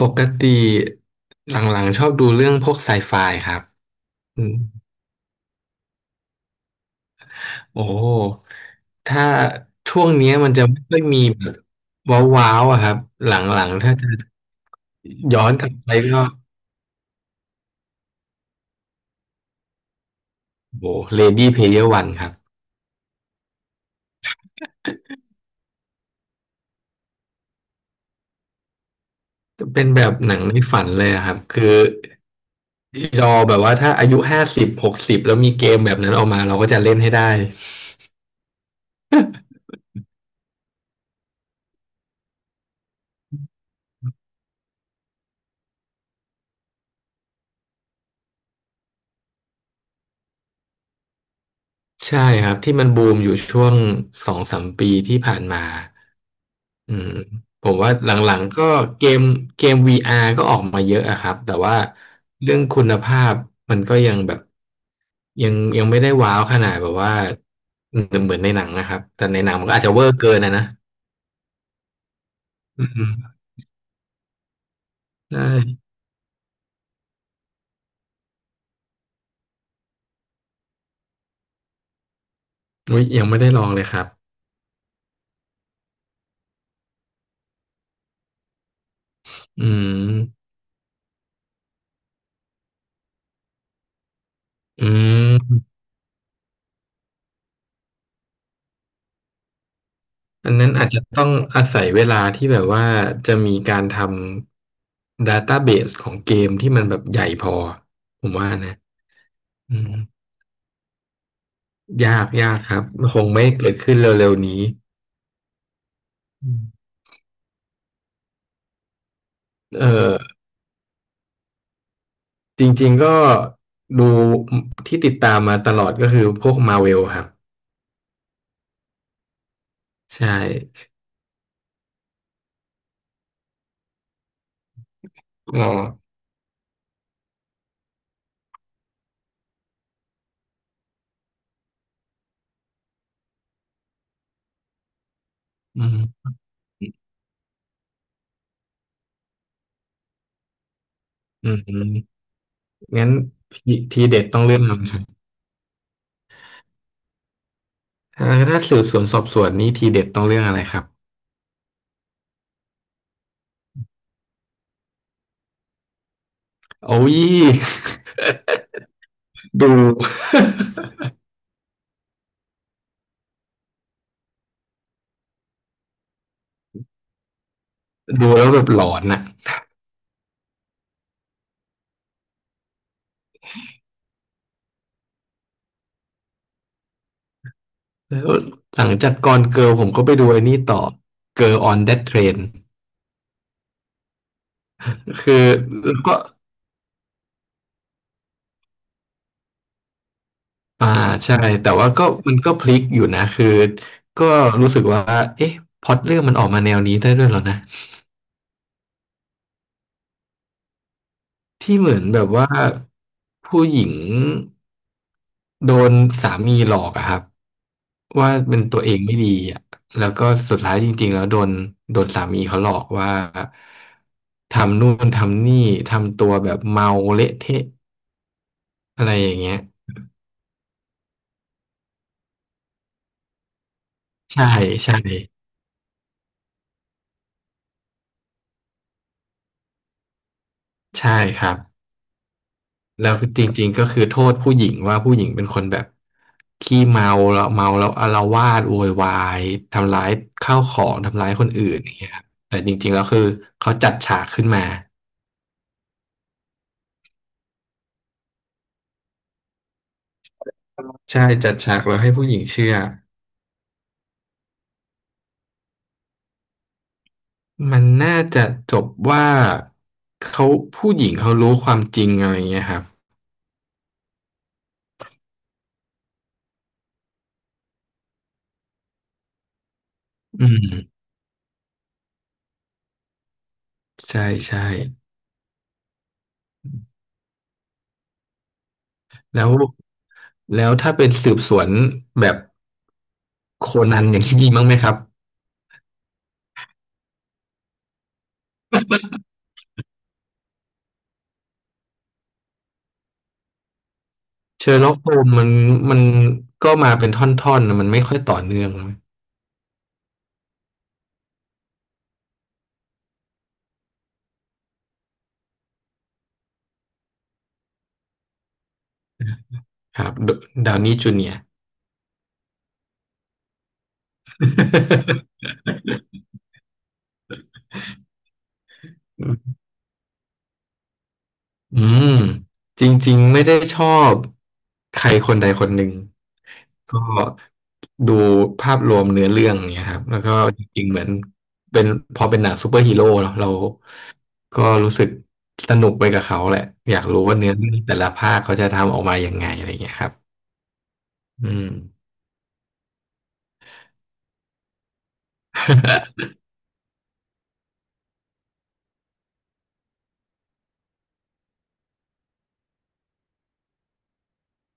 ปกติหลังๆชอบดูเรื่องพวกไซไฟครับอืมโอ้ถ้าช่วงเนี้ยมันจะไม่ค่อยมีแบบว้าวๆอะครับหลังๆถ้าจะย้อนกลับไปก็โอ้เลดี้เพลเยวันครับจะเป็นแบบหนังในฝันเลยอะครับคือรอแบบว่าถ้าอายุห้าสิบหกสิบแล้วมีเกมแบบนั้นออกมาเราก็จะเล่นให้ได้ ใช่ครับที่มันบูมอยู่ช่วงสองสามปีที่ผ่านมาอืมผมว่าหลังๆก็เกมเกม VR ก็ออกมาเยอะอะครับแต่ว่าเรื่องคุณภาพมันก็ยังแบบยังไม่ได้ว้าวขนาดแบบว่าเหมือนในหนังนะครับแต่ในหนังมันก็อาจจะเวอร์เกินนะอืมใช่อุ๊ยยังไม่ได้ลองเลยครับอืมอืม อันนั้นอาจจะต้องอาศัยเวลาที่แบบว่าจะมีการทำ database ของเกมที่มันแบบใหญ่พอผมว่านะอืมยากครับคงไม่เกิดขึ้นเร็วๆนี้อืมเออจริงๆก็ดูที่ติดตามมาตลอดก็คือพวกมาเวลครับใช่ก็อืมอืมอืมงั้นทีเด็ดต้องเรื่องอะไรครับถ้าสืบสวนสอบสวนนี่ทีเด็ดต้องเรื่องอะไรครับโอ้ย ดู ดูแล้วแบบหลอนอะแล้วหลังจากกอนเกิร์ลผมก็ไปดูไอ้นี่ต่อ Girl on That Train คือก็อ่าใช่ แต่ว่าก็มันก็พลิกอยู่นะ คือก็รู้สึกว่า เอ๊ะพล็อตเรื่องมันออกมาแนวนี้ได้ด้วยเหรอนะ ที่เหมือนแบบว่าผู้หญิง โดนสามีหลอกอะครับว่าเป็นตัวเองไม่ดีอะแล้วก็สุดท้ายจริงๆแล้วโดนสามีเขาหลอกว่าทำนู่นทำนี่ทำตัวแบบเมาเละเทะอะไรอย่างเงี้ยใช่ใช่ใช่ครับแล้วจริงๆก็คือโทษผู้หญิงว่าผู้หญิงเป็นคนแบบขี้เมาแล้วเมาแล้วอาละวาดโวยวายทำร้ายข้าวของทำร้ายคนอื่นอย่างเงี้ยครับแต่จริงๆแล้วคือเขาจัดฉากขึ้นมาใช่จัดฉากแล้วให้ผู้หญิงเชื่อ มันน่าจะจบว่าเขาผู้หญิงเขารู้ความจริงอะไรเงี้ยครับอืมใช่ใช่แล้วแล้วถ้าเป็นสืบสวนแบบโคนันอย่างที่ดีมั้างไหมครับเชอร์ล็อกโฮมมันมันก็มาเป็นท่อนๆนะมันไม่ค่อยต่อเนื่องครับาวนี่จูเนียร์ อืมจริงๆไม่ได้ชอบใครคนใดคนหนึ่งก็ดูภาพรวมเนื้อเรื่องเนี่ยครับแล้วก็จริงๆเหมือนเป็นพอเป็นหนังซูเปอร์ฮีโร่เนอะเราก็รู้สึกสนุกไปกับเขาแหละอยากรู้ว่าเนื้อเรื่องแต่ละภาคเขาจะทำออกมายังไงอะไรเงี้ยครับอืม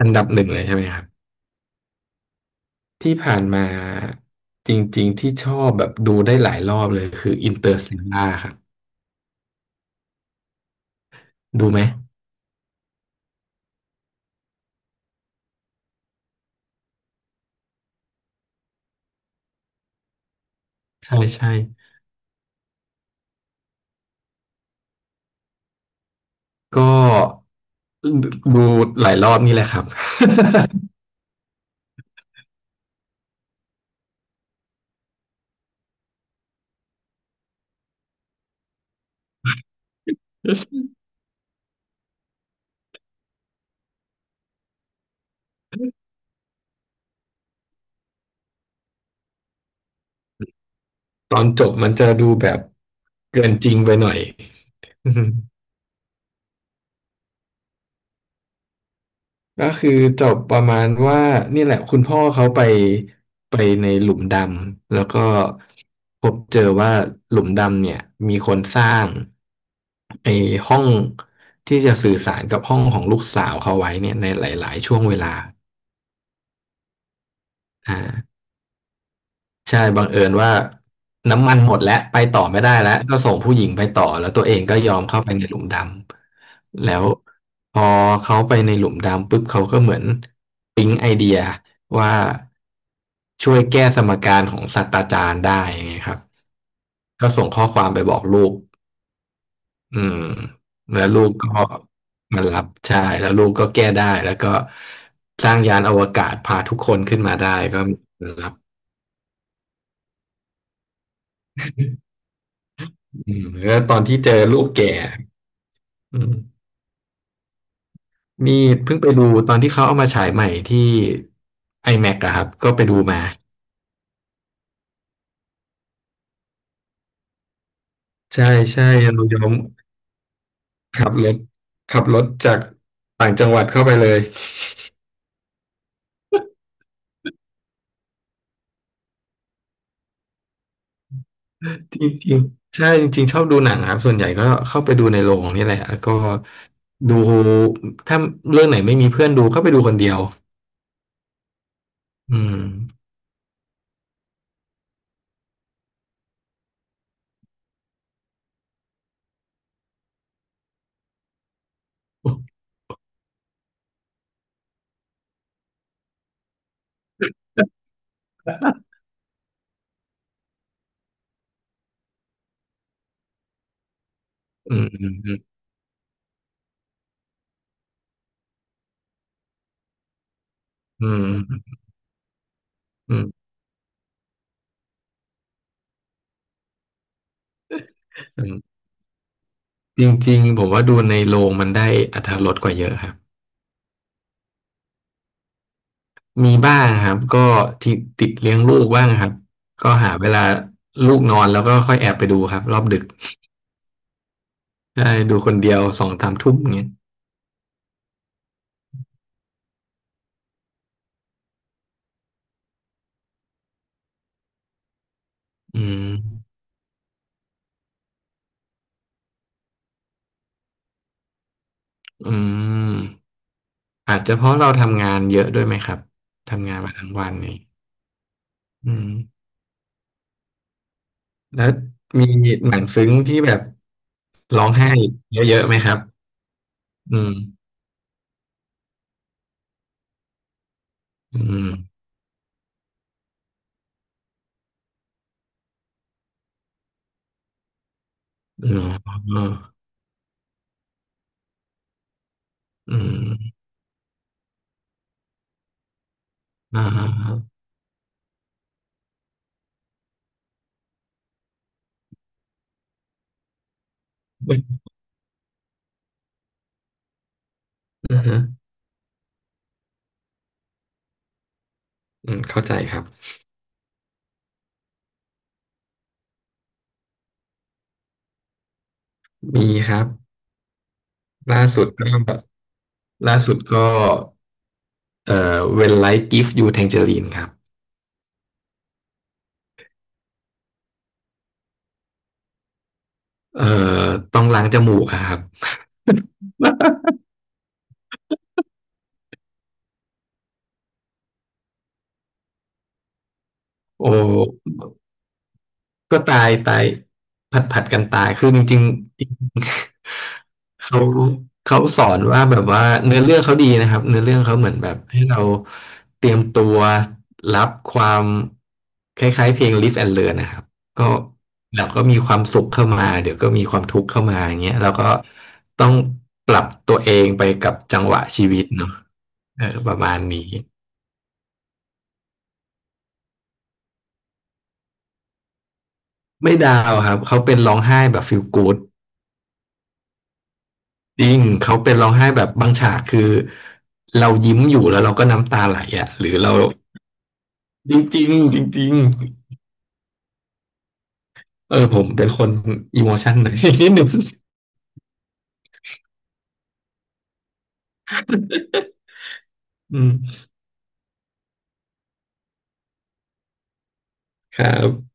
อันดับหนึ่งเลยใช่ไหมครับที่ผ่านมาจริงๆที่ชอบแบบดูได้หลายรอบเลยคืออินเตอร์ l ต a ล่าครับดูไหมใช่ใช่ก็ ดูหลายรอบนี่แหละครับ ตอนจบมันจะดูแบบเกินจริงไปหน่อย ก็คือจบประมาณว่านี่แหละคุณพ่อเขาไปไปในหลุมดำแล้วก็พบเจอว่าหลุมดำเนี่ยมีคนสร้างไอ้ห้องที่จะสื่อสารกับห้องของลูกสาวเขาไว้เนี่ยในหลายๆช่วงเวลาอ่า ใช่บังเอิญว่าน้ำมันหมดแล้วไปต่อไม่ได้แล้วก็ส่งผู้หญิงไปต่อแล้วตัวเองก็ยอมเข้าไปในหลุมดำแล้วพอเขาไปในหลุมดำปุ๊บเขาก็เหมือนปิ๊งไอเดียว่าช่วยแก้สมการของศาสตราจารย์ได้ไงครับก็ส่งข้อความไปบอกลูกอืมแล้วลูกก็มารับใช่แล้วลูกก็แก้ได้แล้วก็สร้างยานอวกาศพาทุกคนขึ้นมาได้ก็รับ อืมแล้วตอนที่เจอลูกแก่อืมนี่เพิ่งไปดูตอนที่เขาเอามาฉายใหม่ที่ iMac อแม็กซ์อะครับก็ไปดูมาใช่ใช่เรายอมขับรถจากต่างจังหวัดเข้าไปเลยจริงๆใช่จริงๆชอบดูหนังครับส่วนใหญ่ก็เข้าไปดูในโรงนี่แหละแล้วก็ดูถ้าเรื่องไหนไม่มีเพื่อนดูก็ไปดูคนเดียวอืมอืมอืมอืมอืมอืมอืมจริงๆผมว่าดูในโรงมันได้อรรถรสกว่าเยอะครับ มีบ้างครับก็ติดเลี้ยงลูกบ้างครับก็หาเวลาลูกนอนแล้วก็ค่อยแอบไปดูครับรอบดึกได้ดูคนเดียวสองสามทุ่มอย่างเงี้ยอืมอืมอาจจะเพราะเราทำงานเยอะด้วยไหมครับทำงานมาทั้งวันนี่อืมแล้วมีหนังซึ้งที่แบบร้องไห้เยอะๆไหมครับอืมอืมอืมอืมอ่าฮะอืมอืมเข้าใจครับมีครับล่าสุดก็ ล่าสุดก็When Life Gives You Tangerine ครับเอ่อต้องล้างจมูกอะครับ โอ้ก็ตายผัดกันตายคือจริงๆเขาสอนว่าแบบว่าเนื้อเรื่องเขาดีนะครับเนื้อเรื่องเขาเหมือนแบบให้เราเตรียมตัวรับความคล้ายๆเพลง Live and Learn นะครับก็เราก็มีความสุขเข้ามาเดี๋ยวก็มีความทุกข์เข้ามาอย่างเงี้ยเราก็ต้องปรับตัวเองไปกับจังหวะชีวิตเนาะ เออประมาณนี้ไม่ดาวครับเขาเป็นร้องไห้แบบฟีลกู๊ดจริงเขาเป็นร้องไห้แบบบางฉากคือเรายิ้มอยู่แล้วเราก็น้ำตาไหลอ่ะหรือเราจริงจริงจริงๆเออผมเป็นคนอีโมชันหน่อย นิดหนึ่งอืมครับ